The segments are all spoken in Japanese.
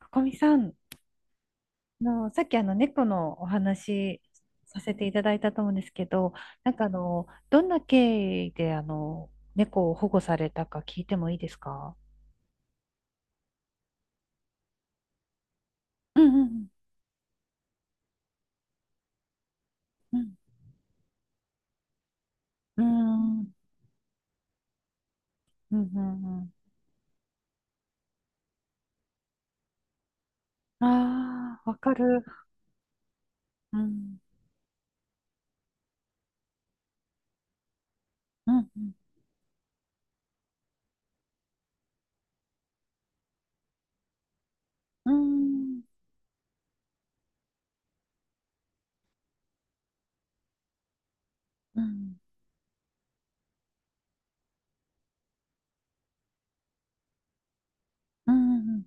ここみさん、さっき猫のお話させていただいたと思うんですけど、どんな経緯で猫を保護されたか聞いてもいいですか？うんうんうん、うんうんうん、うん、ああ、わかる。うんうん、うんうんうん、うんうん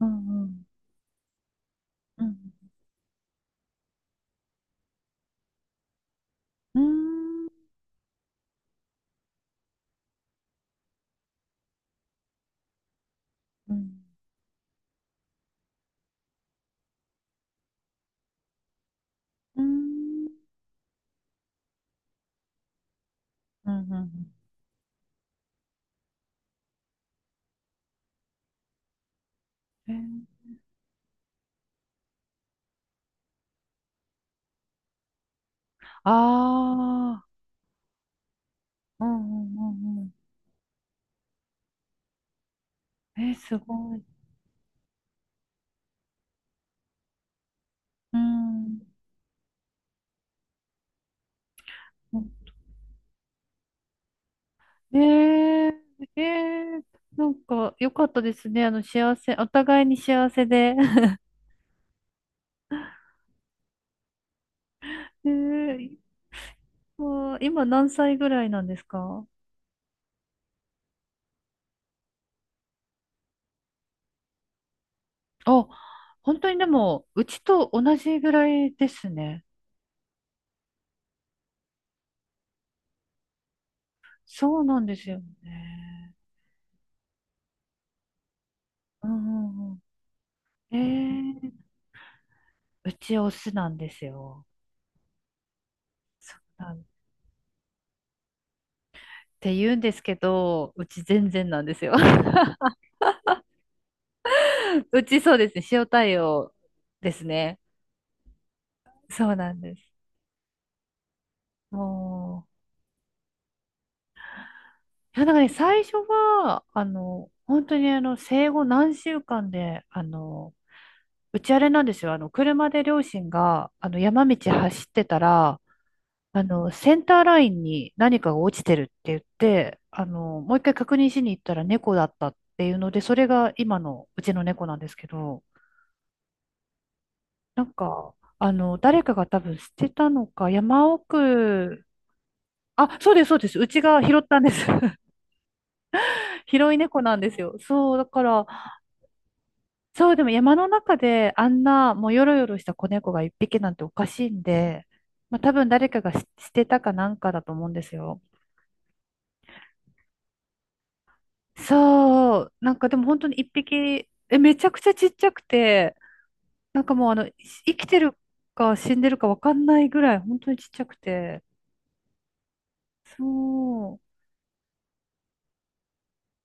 うんうん、うんうん、うん、うん、ああ、うんうんうん、うん。え、すごい。うん。えー、ええ、なんか良かったですね。あの、幸せ、お互いに幸せで。ええ、わあ、今何歳ぐらいなんですか？あ、本当にでも、うちと同じぐらいですね。そうなんですよね。うんうんうん。ええ、うちオスなんですよ。そうなんって言うんですけど、うち全然なんですよ。うちそうですね、塩対応ですね。そうなんです。もう、いや、だからね、最初は、あの、本当にあの、生後何週間で、あの、うちあれなんですよ。あの、車で両親が、あの、山道走ってたら、あの、センターラインに何かが落ちてるって言って、あの、もう一回確認しに行ったら猫だったっていうので、それが今のうちの猫なんですけど、なんか、あの、誰かが多分捨てたのか、山奥、あ、そうです、そうです。うちが拾ったんです。広い猫なんですよ。そう、だから、そう、でも山の中であんな、もうよろよろした子猫が一匹なんておかしいんで、まあ多分誰かが捨てたかなんかだと思うんですよ。そう、なんかでも本当に一匹、え、めちゃくちゃちっちゃくて、なんかもうあの、生きてるか死んでるかわかんないぐらい、本当にちっちゃくて、そう。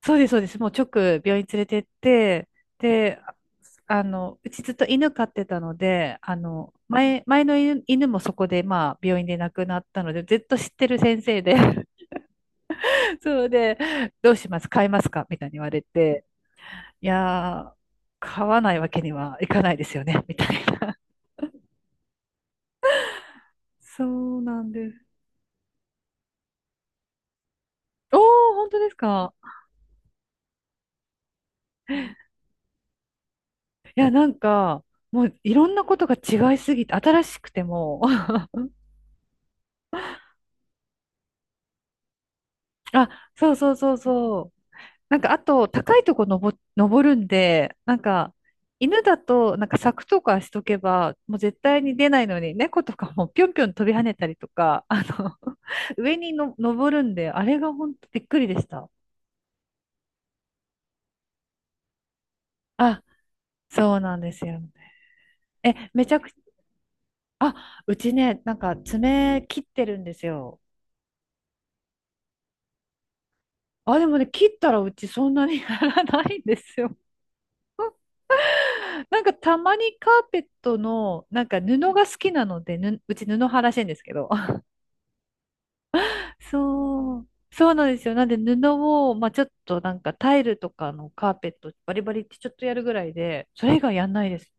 そうです、そうです。もう直病院連れてって、で、あ、あの、うちずっと犬飼ってたので、あの、前の犬、犬もそこで、まあ、病院で亡くなったので、ずっと知ってる先生で、そうで、どうします飼いますかみたいに言われて、いやー、飼わないわけにはいかないですよね、みたいな。そうなんです。おー、本当ですか？いや、なんか、もういろんなことが違いすぎて、新しくても、あ、そうそうそうそう。なんか、あと、高いとこ登るんで、なんか、犬だと、なんか柵とかしとけば、もう絶対に出ないのに、猫とかもぴょんぴょん飛び跳ねたりとか、あの 上にの登るんで、あれが本当びっくりでした。あ、そうなんですよ。え、めちゃくちゃ、あ、うちね、なんか爪切ってるんですよ。あ、でもね、切ったらうちそんなに やらないんですよ。なんかたまにカーペットの、なんか布が好きなので、ぬ、うち布派らしいんですけど、そう。そうなんですよ。なんで布を、まあ、ちょっとなんかタイルとかのカーペットバリバリってちょっとやるぐらいで、それ以外やんないです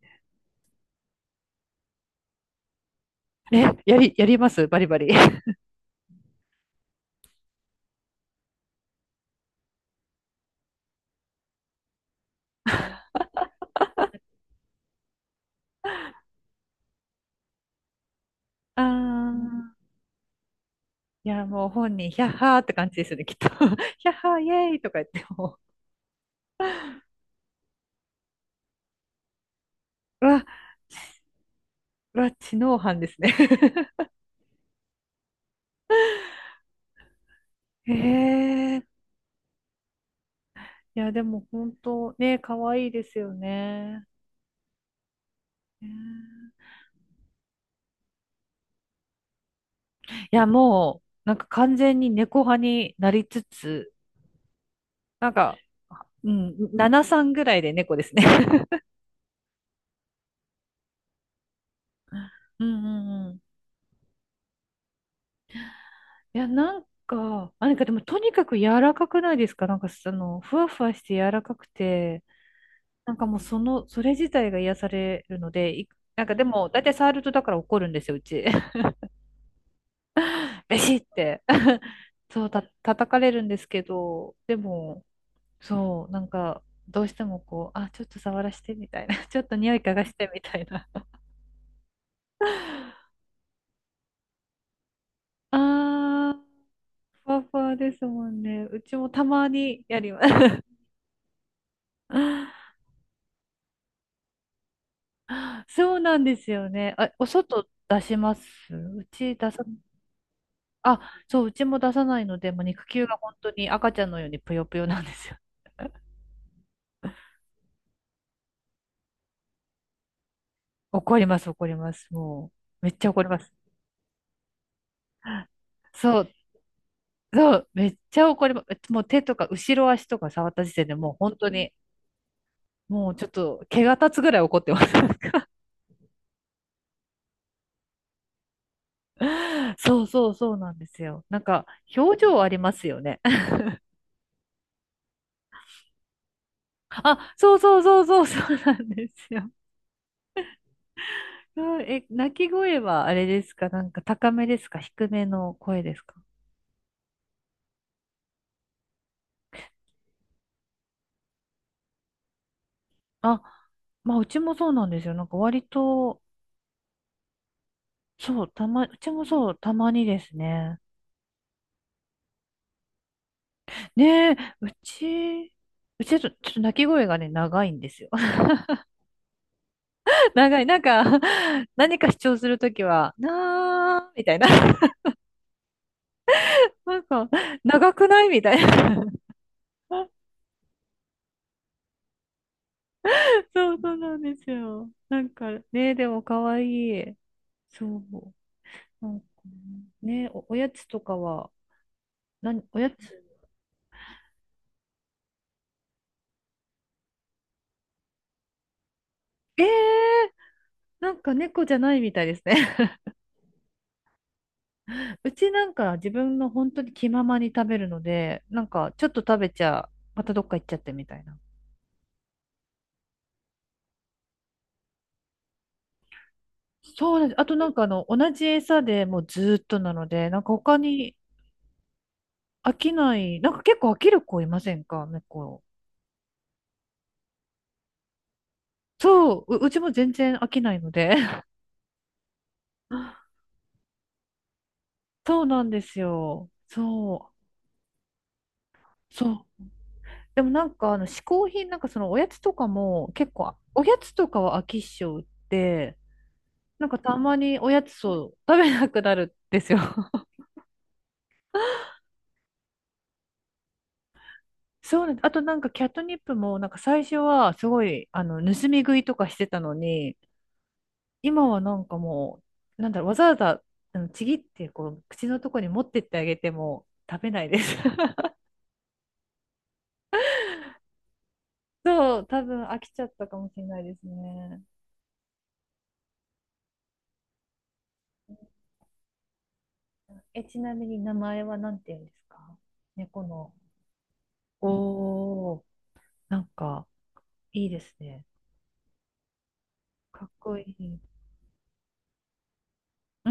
ね。え、やりますバリバリ。ああ。いや、もう本人、ヒャッハーって感じですよね、きっと。ヒャッハー、イエーイとか言ってもう、わ、うわ、知能犯ですね。へえ。いや、でも本当ね、可愛いですよね。ね、いや、もう、なんか完全に猫派になりつつ、なんか、うん、7、3ぐらいで猫ですね。うんうんうん。いや、なんか、あ、なんかでもとにかく柔らかくないですか？なんかその、ふわふわして柔らかくて、なんかもうその、それ自体が癒されるので、い、なんかでも、大体触るとだから怒るんですよ、うち。ベシって。そう、叩かれるんですけど、でも、そう、なんか、どうしてもこう、あ、ちょっと触らしてみたいな、ちょっと匂い嗅がしてみたいな。あー、ふわふわですもんね。うちもたまにやります。そうなんですよね。あ、お外出します？うち出さ、あ、そう、うちも出さないので、もう肉球が本当に赤ちゃんのようにぷよぷよなんですよ。怒ります、怒ります。もう、めっちゃ怒ります。そう、そう、めっちゃ怒ります。もう手とか後ろ足とか触った時点でもう本当に、もうちょっと毛が立つぐらい怒ってます。そうそうそうなんですよ。なんか、表情ありますよね。あ、そうそうそうそうそうなんですよ。そう、え、鳴き声はあれですか？なんか高めですか低めの声ですか？あ、まあうちもそうなんですよ。なんか割と、そう、たま、うちもそう、たまにですね。ねえ、うち、うちちょっと、ちょっと鳴き声がね、長いんですよ。長い。なんか、何か主張するときは、なー、みたいな。なんか、長くないみたいな。そうそうなんですよ。なんかねえ、でも可愛い。そう。なんかね、お、おやつとかは、何、おやつ、ええー、なんか猫じゃないみたいですね。うちなんか自分の本当に気ままに食べるので、なんかちょっと食べちゃ、またどっか行っちゃってみたいな。そうなんです。あとなんかあの、同じ餌でもうずーっとなので、なんか他に飽きない、なんか結構飽きる子いませんか、猫。そう、う、うちも全然飽きないので。そうなんですよ。そう。そう、でもなんかあの嗜好品、なんかそのおやつとかも結構おやつとかは飽き性でなんかたまにおやつを食べなくなるんですよ。そうなんです。あとなんかキャットニップもなんか最初はすごいあの盗み食いとかしてたのに、今はなんかもうなんだろう、わざわざあのちぎってこう口のとこに持ってってあげても食べないです。そう多分飽きちゃったかもしれないですね。え、ちなみに名前は何て言うんですか？猫の。お、お、なんか、いいですね。かっこいい。うー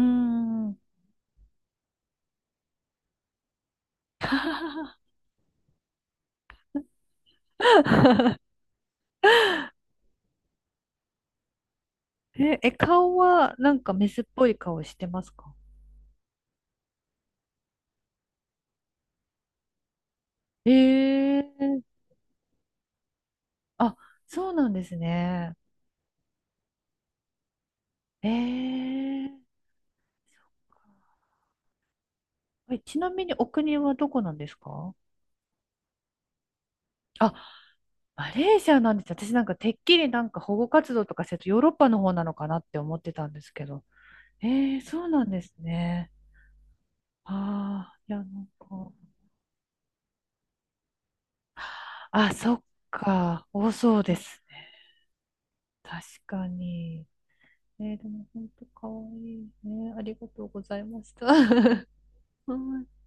ん。え、え、顔は、なんかメスっぽい顔してますか？ええー、あ、そうなんですね。ええー、そっか。え、ちなみにお国はどこなんですか？あ、マレーシアなんです。私なんかてっきりなんか保護活動とかしてるとヨーロッパの方なのかなって思ってたんですけど。ええ、そうなんですね。ああ、いや、なんか。あ、そっか。多そうですね。確かに。えー、でも本当可愛いね。ありがとうございました。はい